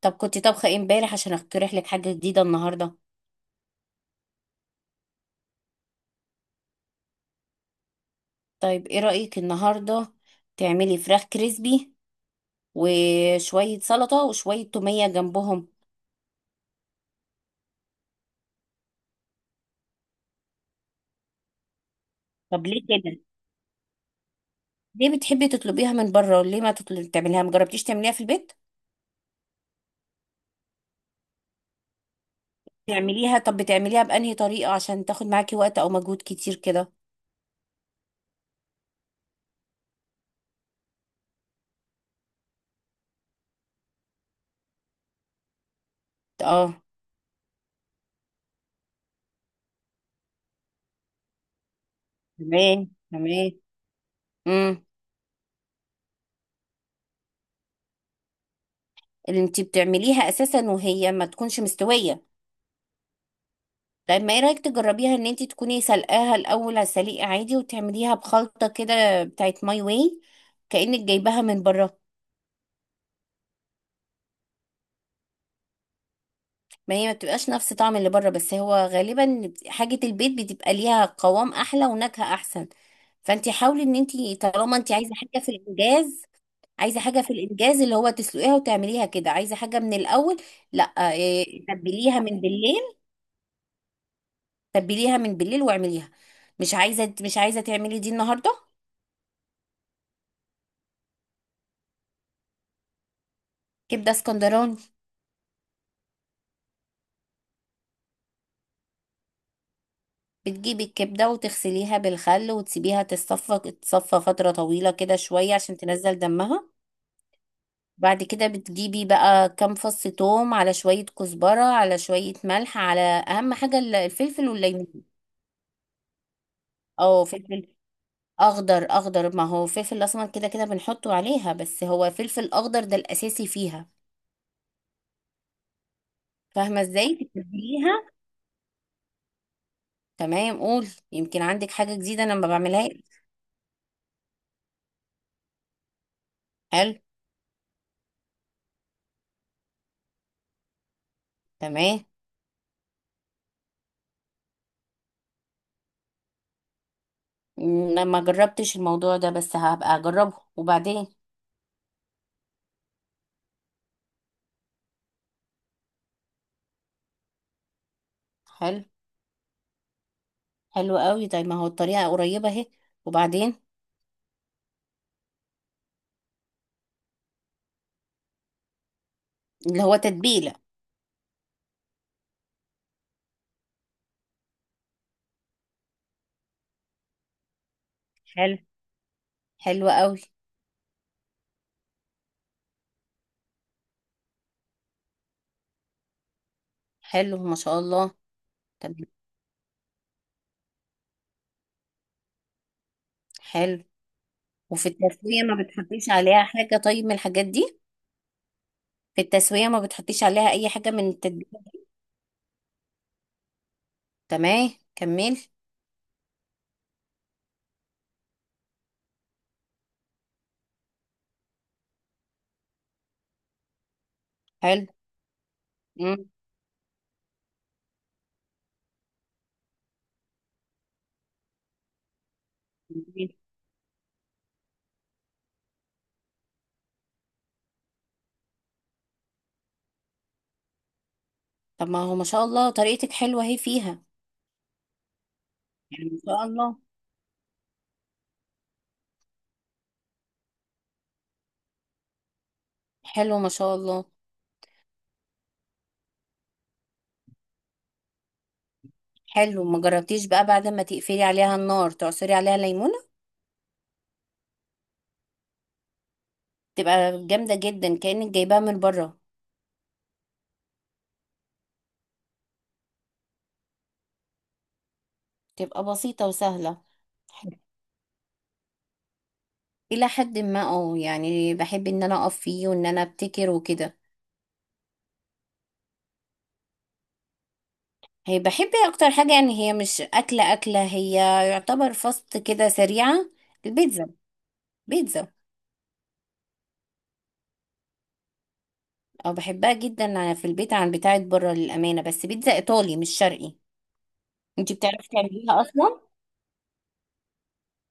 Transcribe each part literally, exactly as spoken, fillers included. طب كنت طبخة ايه امبارح عشان اقترح لك حاجة جديدة النهاردة؟ طيب ايه رأيك النهاردة تعملي فراخ كريسبي وشوية سلطة وشوية تومية جنبهم. طب ليه كده؟ ليه بتحبي تطلبيها من بره؟ ليه ما تطلب تعمليها؟ مجربتيش تعمليها في البيت؟ تعمليها، طب بتعمليها بأنهي طريقة عشان تاخد معاكي وقت او مجهود كتير كده؟ اه، تمام تمام، امم اللي انتي بتعمليها اساسا وهي ما تكونش مستوية. طيب ما ايه رايك تجربيها ان انت تكوني سلقاها الاول على السليق عادي وتعمليها بخلطه كده بتاعت ماي واي، كانك جايباها من بره. ما هي ما بتبقاش نفس طعم اللي بره، بس هو غالبا حاجه البيت بتبقى ليها قوام احلى ونكهه احسن. فانت حاولي ان انت، طالما انت عايزه حاجه في الانجاز، عايزه حاجه في الانجاز اللي هو تسلقيها وتعمليها كده، عايزه حاجه من الاول. لا، إيه، تبليها من بالليل، تبليها من بالليل واعمليها. مش عايزه مش عايزه تعملي دي النهارده؟ كبده اسكندراني. بتجيبي الكبدة وتغسليها بالخل وتسيبيها تصفى، تصفى فترة طويلة كده شوية عشان تنزل دمها. بعد كده بتجيبي بقى كام فص توم على شوية كزبرة على شوية ملح، على أهم حاجة ال- الفلفل والليمون. أو فلفل أخضر، أخضر ما هو فلفل أسمر كده كده بنحطه عليها، بس هو فلفل أخضر ده الأساسي فيها. فاهمة ازاي تتبليها؟ تمام، قول، يمكن عندك حاجة جديدة أنا ما بعملها. حلو. تمام. أنا ما جربتش الموضوع ده بس هبقى اجربه. وبعدين؟ حلو، حلو قوي، طيب ما هو الطريقة قريبة اهي. وبعدين؟ اللي هو تتبيلة. حلو، حلو قوي. حلو ما شاء الله. طب، حلو. وفي التسوية ما بتحطيش عليها حاجة طيب من الحاجات دي؟ في التسوية ما بتحطيش عليها أي حاجة من التتبيلة؟ تمام، كمل. حلو. مم. طب ما هو ما شاء الله طريقتك حلوة اهي فيها. يعني ما شاء الله. حلو ما شاء الله. حلو، ما جربتيش بقى بعد ما تقفلي عليها النار تعصري عليها ليمونة؟ تبقى جامدة جدا كأنك جايباها من بره. تبقى بسيطة وسهلة. إلى حد ما اه، يعني بحب إن أنا أقف فيه وإن أنا أبتكر وكده. هي بحب أكتر حاجة، يعني هي مش أكلة أكلة، هي يعتبر فاست كده سريعة. البيتزا. بيتزا. أو بحبها جدا في البيت عن بتاعة بره للأمانة، بس بيتزا إيطالي مش شرقي. أنتي بتعرفي تعمليها أصلا؟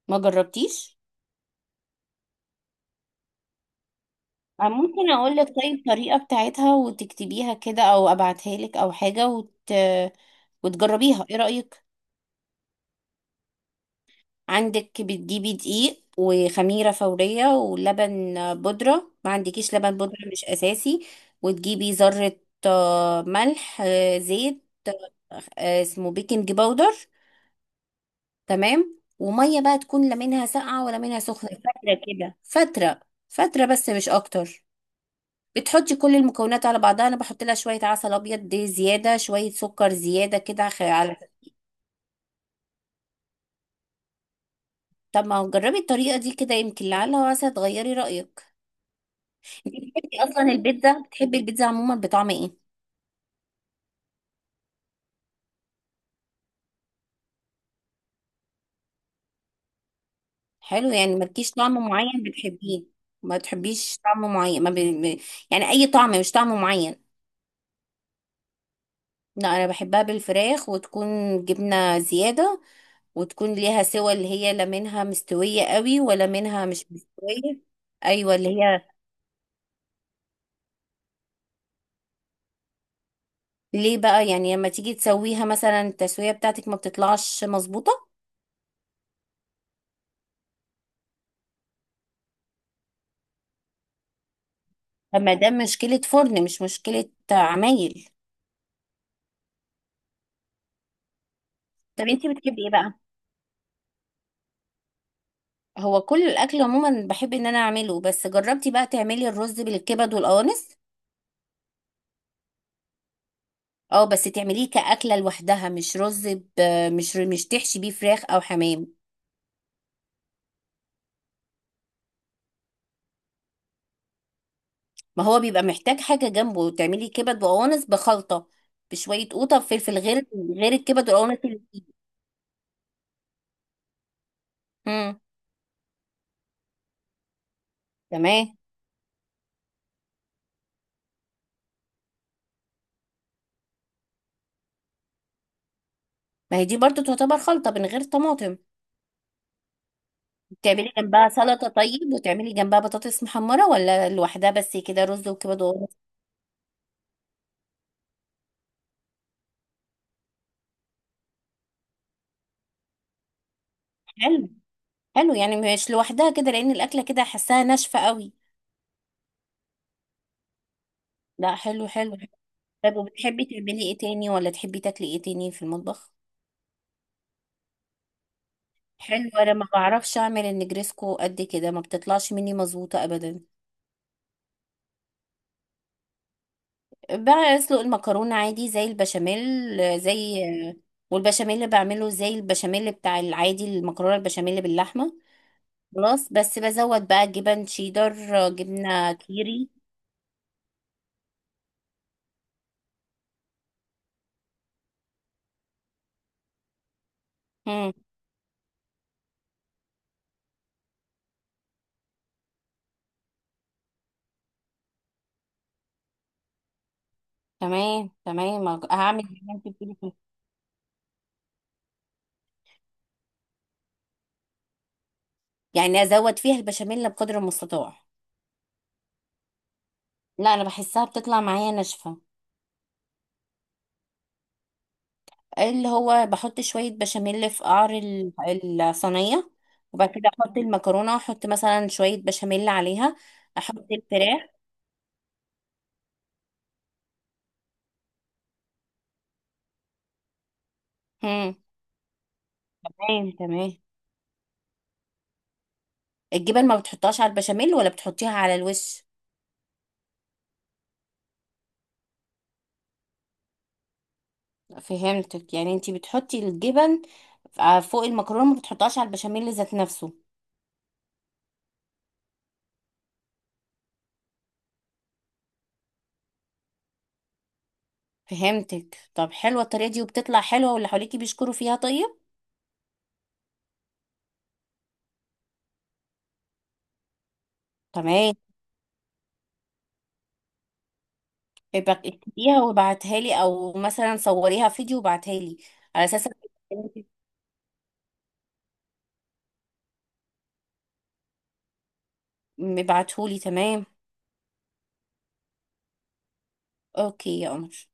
ما جربتيش؟ أنا ممكن أقول لك طيب الطريقة بتاعتها وتكتبيها كده أو أبعتها لك أو حاجة، وت... وتجربيها، إيه رأيك؟ عندك بتجيبي دقيق وخميرة فورية ولبن بودرة، ما عندكيش لبن بودرة مش أساسي. وتجيبي ذرة، آه، ملح، آه، زيت، آه، اسمه بيكنج باودر. تمام. ومية بقى تكون لا منها ساقعة ولا منها سخنة، فترة كده، فترة فترة بس مش أكتر. بتحطي كل المكونات على بعضها. أنا بحط لها شوية عسل أبيض دي زيادة، شوية سكر زيادة كده، خ- على. طب ما جربي الطريقة دي كده، يمكن لعلها واسع تغيري رأيك. بتحبي اصلا البيتزا؟ بتحبي البيتزا عموما بطعم ايه؟ حلو، يعني مالكيش طعم معين بتحبيه؟ ما بتحبيش طعم معين ما ب... ب- يعني اي طعم مش طعم معين. لا انا بحبها بالفراخ وتكون جبنه زياده، وتكون ليها سوى اللي هي لا منها مستويه قوي ولا منها مش مستويه. ايوه اللي هي. ليه بقى يعني لما تيجي تسويها، مثلا التسويه بتاعتك ما بتطلعش مظبوطه؟ فما ده مشكله فرن مش مشكله عمايل. طب انتي بتحبي ايه بقى؟ هو كل الاكل عموما بحب ان انا اعمله، بس جربتي بقى تعملي الرز بالكبد والقوانص؟ اه بس تعمليه كأكلة لوحدها، مش رز ب... مش مش تحشي بيه فراخ او حمام. ما هو بيبقى محتاج حاجة جنبه، تعملي كبد وقوانص بخلطة بشوية قوطة وفلفل، غير غير الكبد والقوانص اللي، امم تمام. ما هي دي برضو تعتبر خلطة من غير طماطم. تعملي جنبها سلطة طيب، وتعملي جنبها بطاطس محمرة، ولا لوحدها بس كده رز وكبد وقوانص؟ حلو. حلو يعني، مش لوحدها كده لان الاكله كده حاساها ناشفه قوي. لا حلو، حلو. طيب وبتحبي تعملي ايه تاني ولا تحبي تاكلي ايه تاني في المطبخ؟ حلو، انا ما بعرفش اعمل النجريسكو قد كده، ما بتطلعش مني مظبوطه ابدا. بقى اسلق المكرونه عادي زي البشاميل، آه، زي آه، والبشاميل اللي بعمله زي البشاميل بتاع العادي، المكرونه البشاميل باللحمه، خلاص. بس بزود بقى جبن شيدر، آه، جبنه كيري. امم تمام، تمام هعمل زي ما انت بتقولي. يعني ازود فيها البشاميل بقدر المستطاع؟ لا انا بحسها بتطلع معايا ناشفه. اللي هو بحط شويه بشاميل في قعر ال- الصينيه، وبعد كده احط المكرونه، احط مثلا شويه بشاميل عليها، احط الفراخ. امم تمام تمام. الجبن ما بتحطهاش على البشاميل ولا بتحطيها على الوش؟ فهمتك، يعني انتي بتحطي الجبن ف- فوق المكرونه، ما بتحطهاش على البشاميل ذات نفسه. فهمتك. طب حلوه الطريقه دي وبتطلع حلوه واللي حواليكي بيشكروا فيها، طيب تمام. يبقى اكتبيها وابعتها لي، او مثلا صوريها فيديو وابعتها لي، على اساس إنك- مبعتهولي. تمام. اوكي يا قمر.